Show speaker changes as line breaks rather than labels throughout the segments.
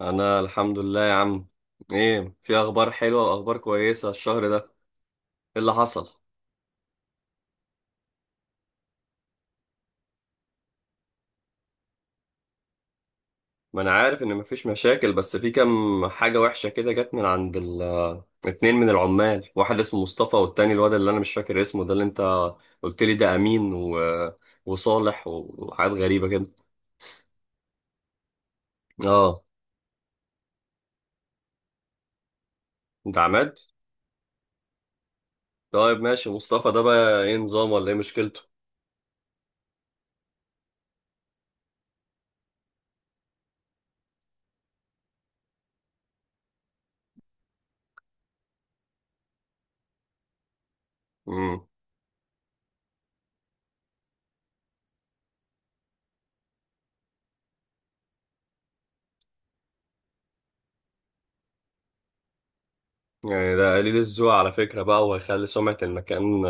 انا الحمد لله يا عم. ايه في اخبار حلوه واخبار كويسه الشهر ده، ايه اللي حصل؟ ما انا عارف ان مفيش مشاكل، بس في كام حاجه وحشه كده جت من عند اتنين من العمال. واحد اسمه مصطفى، والتاني الواد اللي انا مش فاكر اسمه ده اللي انت قلت لي ده امين وصالح وحاجات غريبه كده. اه. انت عماد؟ طيب ماشي، مصطفى ده بقى ايه نظام ولا ايه مشكلته؟ امم. يعني ده قليل الذوق على فكره بقى، وهيخلي سمعه المكان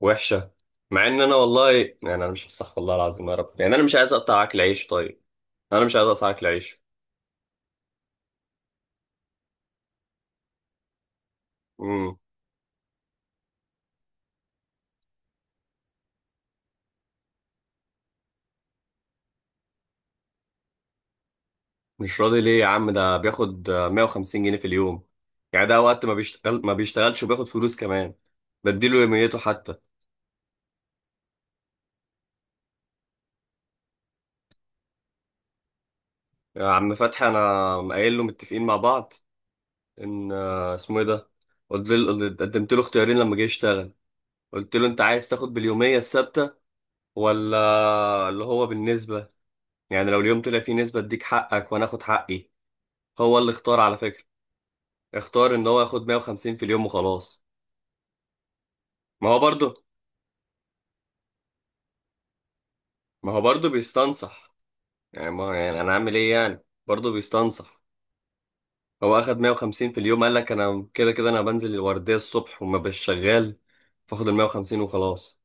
وحشه. مع ان انا والله، يعني انا مش هصح والله العظيم يا رب، يعني انا مش عايز اقطع اكل عيش. طيب انا مش عايز اقطع اكل عيش. امم. مش راضي ليه يا عم؟ ده بياخد 150 جنيه في اليوم، يعني ده وقت ما بيشتغل ما بيشتغلش وبياخد فلوس كمان، بديله يوميته حتى. يا عم فتحي انا قايل له متفقين مع بعض، ان اسمه ايه ده، قلت له، قدمت له اختيارين لما جه يشتغل. قلت له انت عايز تاخد باليوميه الثابته، ولا اللي هو بالنسبه، يعني لو اليوم طلع فيه نسبه اديك حقك وانا اخد حقي. هو اللي اختار على فكرة، اختار ان هو ياخد 150 في اليوم وخلاص. ما هو برضه ما هو برضه بيستنصح. يعني، ما يعني انا اعمل ايه؟ يعني برضه بيستنصح. هو اخد 150 في اليوم قال لك انا كده كده انا بنزل الوردية الصبح وما بش شغال، فاخد ال 150 وخلاص.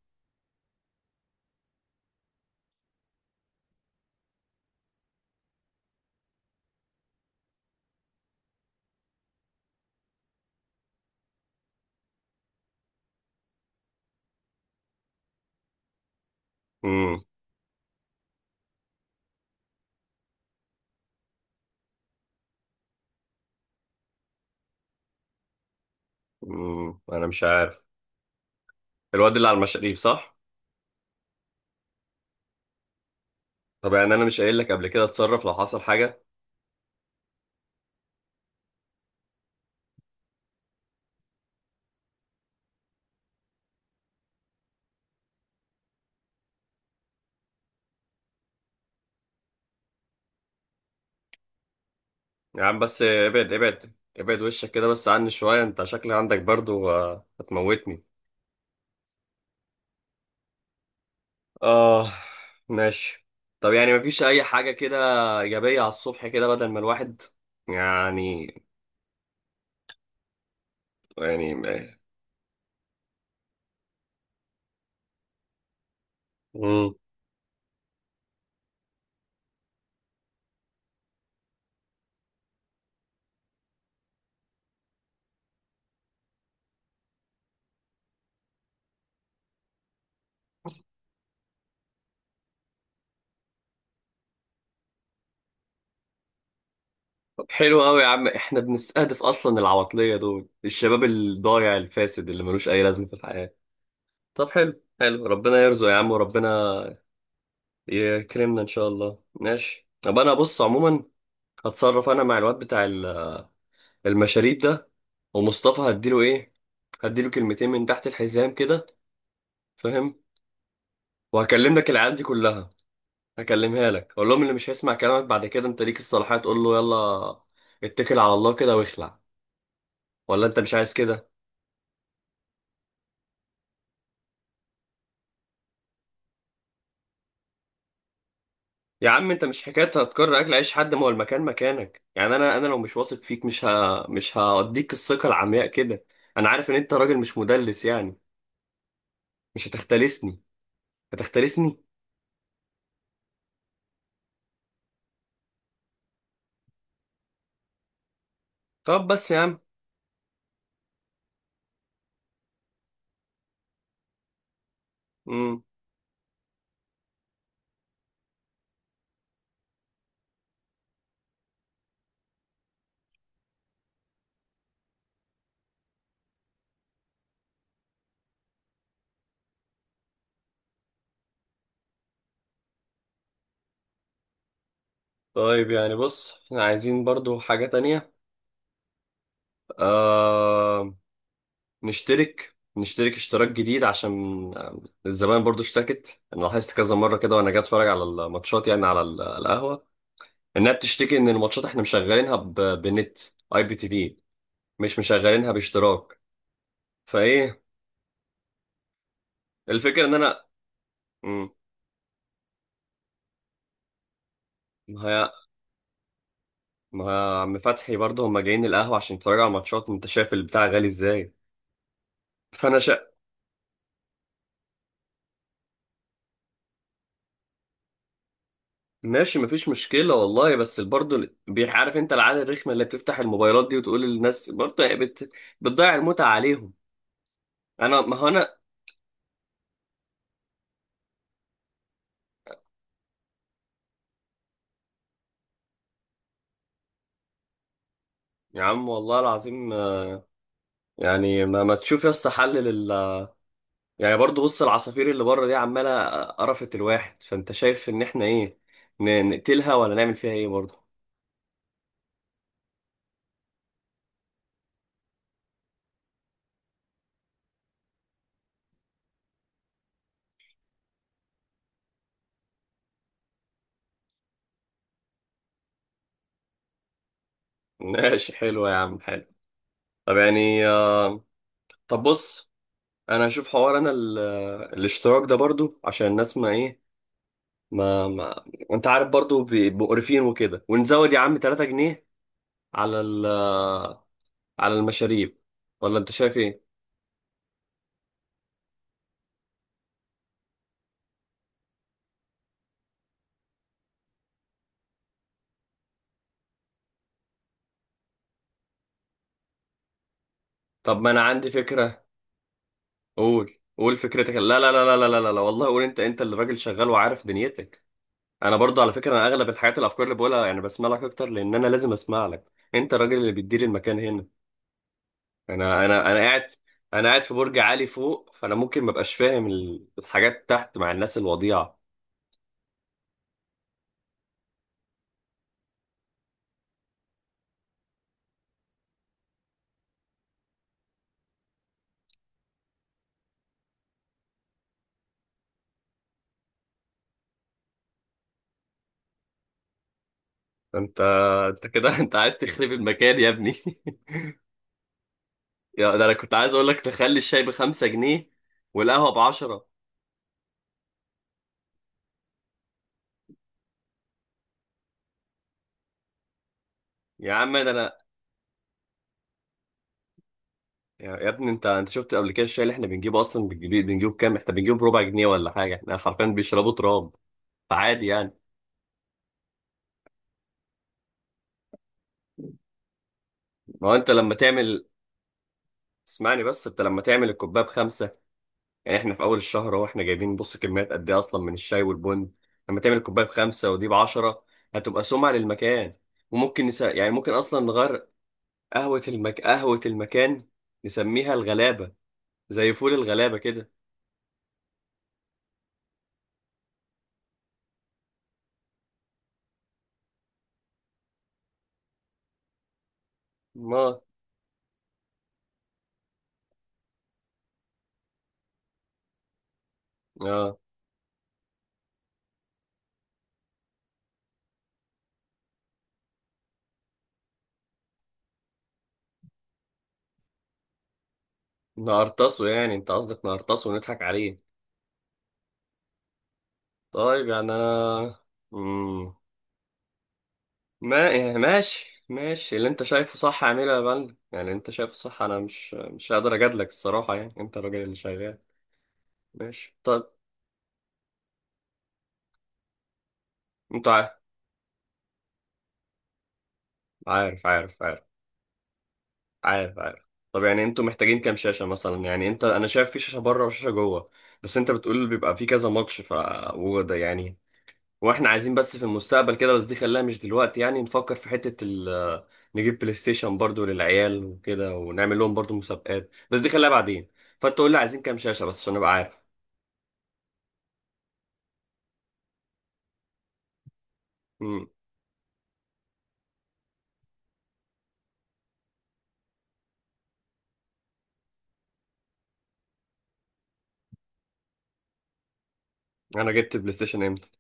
امم. امم. انا مش عارف، الواد اللي على المشاريب صح؟ طب يعني انا مش قايل لك قبل كده اتصرف لو حصل حاجة؟ يا عم بس ابعد ابعد ابعد وشك كده بس عني شوية، انت شكلك عندك برضه هتموتني. اه. ماشي. طب يعني مفيش اي حاجة كده ايجابية على الصبح كده، بدل ما الواحد يعني. يعني. امم. طب حلو قوي يا عم، احنا بنستهدف اصلا العواطلية دول، الشباب الضايع الفاسد اللي ملوش اي لازمة في الحياة. طب حلو حلو، ربنا يرزق يا عم، وربنا يكرمنا ان شاء الله. ماشي. طب انا بص، عموما هتصرف انا مع الواد بتاع المشاريب ده، ومصطفى هديله ايه، هديله كلمتين من تحت الحزام كده، فاهم؟ وهكلم لك العيال دي كلها، هكلمها لك، اقول لهم اللي مش هيسمع كلامك بعد كده انت ليك الصلاحيه تقول له يلا اتكل على الله كده واخلع. ولا انت مش عايز كده؟ يا عم انت مش حكايه هتكرر اكل عيش حد، ما هو المكان مكانك، يعني انا لو مش واثق فيك مش مش هديك الثقه العمياء كده. انا عارف ان انت راجل مش مدلس، يعني مش هتختلسني. هتختلسني؟ طب بس يا عم. امم. طيب يعني بص، احنا عايزين برضو حاجه تانية، آه، نشترك اشتراك جديد، عشان الزمان برضو اشتكت، انا لاحظت كذا مره كده وانا جاي اتفرج على الماتشات، يعني على القهوه انها بتشتكي، ان الماتشات احنا مشغلينها بنت اي بي تي في، مش مشغلينها باشتراك، فايه الفكره ان انا مم، ما هي ما هي عم فتحي، برضو هم جايين القهوه عشان يتفرجوا على الماتشات، انت شايف البتاع غالي ازاي. فانا شا... ماشي مفيش مشكله والله، بس برضه بيعرف انت العاده الرخمه اللي بتفتح الموبايلات دي وتقول للناس، برضه هي بتضيع المتعه عليهم. انا ما هو انا، يا عم والله العظيم يعني ما تشوف يا اسطى حل يعني برضه، بص العصافير اللي بره دي عماله قرفت الواحد، فانت شايف ان احنا ايه، نقتلها ولا نعمل فيها ايه برضه؟ ماشي حلو يا عم حلو. طب يعني طب بص، انا هشوف حوار انا الاشتراك ده برضه، عشان الناس ما ايه، ما انت عارف، برضه بيبقوا قرفين وكده، ونزود يا عم 3 جنيه على على المشاريب، ولا انت شايف ايه؟ طب ما انا عندي فكرة. قول قول فكرتك. لا لا لا لا لا لا لا والله، قول انت، انت اللي راجل شغال وعارف دنيتك. انا برضو على فكره، انا اغلب الحاجات، الافكار اللي بقولها، يعني بسمع لك اكتر، لان انا لازم اسمع لك، انت الراجل اللي بتدير المكان هنا. انا قاعد، انا قاعد في برج عالي فوق، فانا ممكن ما ابقاش فاهم الحاجات تحت مع الناس الوضيعه. انت انت كده انت عايز تخرب المكان يا ابني. يا ده انا كنت عايز اقول لك تخلي الشاي بخمسة جنيه والقهوه بعشرة. يا عم ده انا، يا ابني، انت شفت قبل كده الشاي اللي احنا بنجيبه اصلا، بنجيبه بكام، احنا بنجيبه بربع جنيه ولا حاجه، احنا حرفيا بيشربوا تراب، فعادي يعني. ما هو انت لما تعمل اسمعني بس، انت لما تعمل الكوبايه بخمسه، يعني احنا في اول الشهر اهو، احنا جايبين بص كميات قد ايه اصلا من الشاي والبن، لما تعمل الكوبايه بخمسه ودي بعشره هتبقى سمعه للمكان. وممكن يعني ممكن اصلا نغير قهوه قهوه المكان، نسميها الغلابه زي فول الغلابه كده. ما اه نقرطصه، يعني انت قصدك نقرطصه ونضحك عليه؟ طيب يعني انا مم. ما يعني، ماشي ماشي، اللي انت شايفه صح اعمله يا بلد، يعني انت شايفه صح، انا مش هقدر اجادلك الصراحه، يعني انت الراجل اللي شغال. ماشي طب. عارف عارف عارف عارف عارف عارف. طب يعني انتوا محتاجين كام شاشه مثلا؟ يعني انت، انا شايف في شاشه بره وشاشه جوه، بس انت بتقول بيبقى في كذا ماتش ف، وده يعني، واحنا عايزين بس في المستقبل كده، بس دي خلاها مش دلوقتي يعني، نفكر في حتة ال آه، نجيب بلاي ستيشن برضو للعيال وكده، ونعمل لهم برضو مسابقات، بس دي خلاها بعدين. فانت قول لي عايزين كام شاشة، بس عشان ابقى عارف. امم. انا جبت البلاي ستيشن امتى؟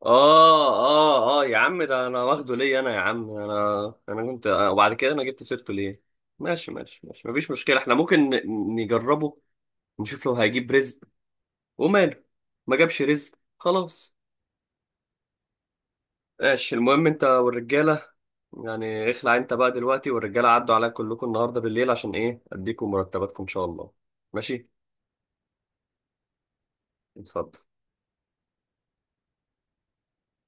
اه. اه. اه يا عم، ده انا واخده ليه؟ انا يا عم، انا كنت وبعد كده انا جبت سيرته ليه؟ ماشي ماشي ماشي، مفيش مشكلة، احنا ممكن نجربه، نشوف لو هيجيب رزق، وماله، ما جابش رزق خلاص. ماشي، المهم انت والرجالة، يعني اخلع انت بقى دلوقتي، والرجاله عدوا عليا كلكم النهارده بالليل عشان ايه، اديكم مرتباتكم ان شاء الله. ماشي. اتفضل.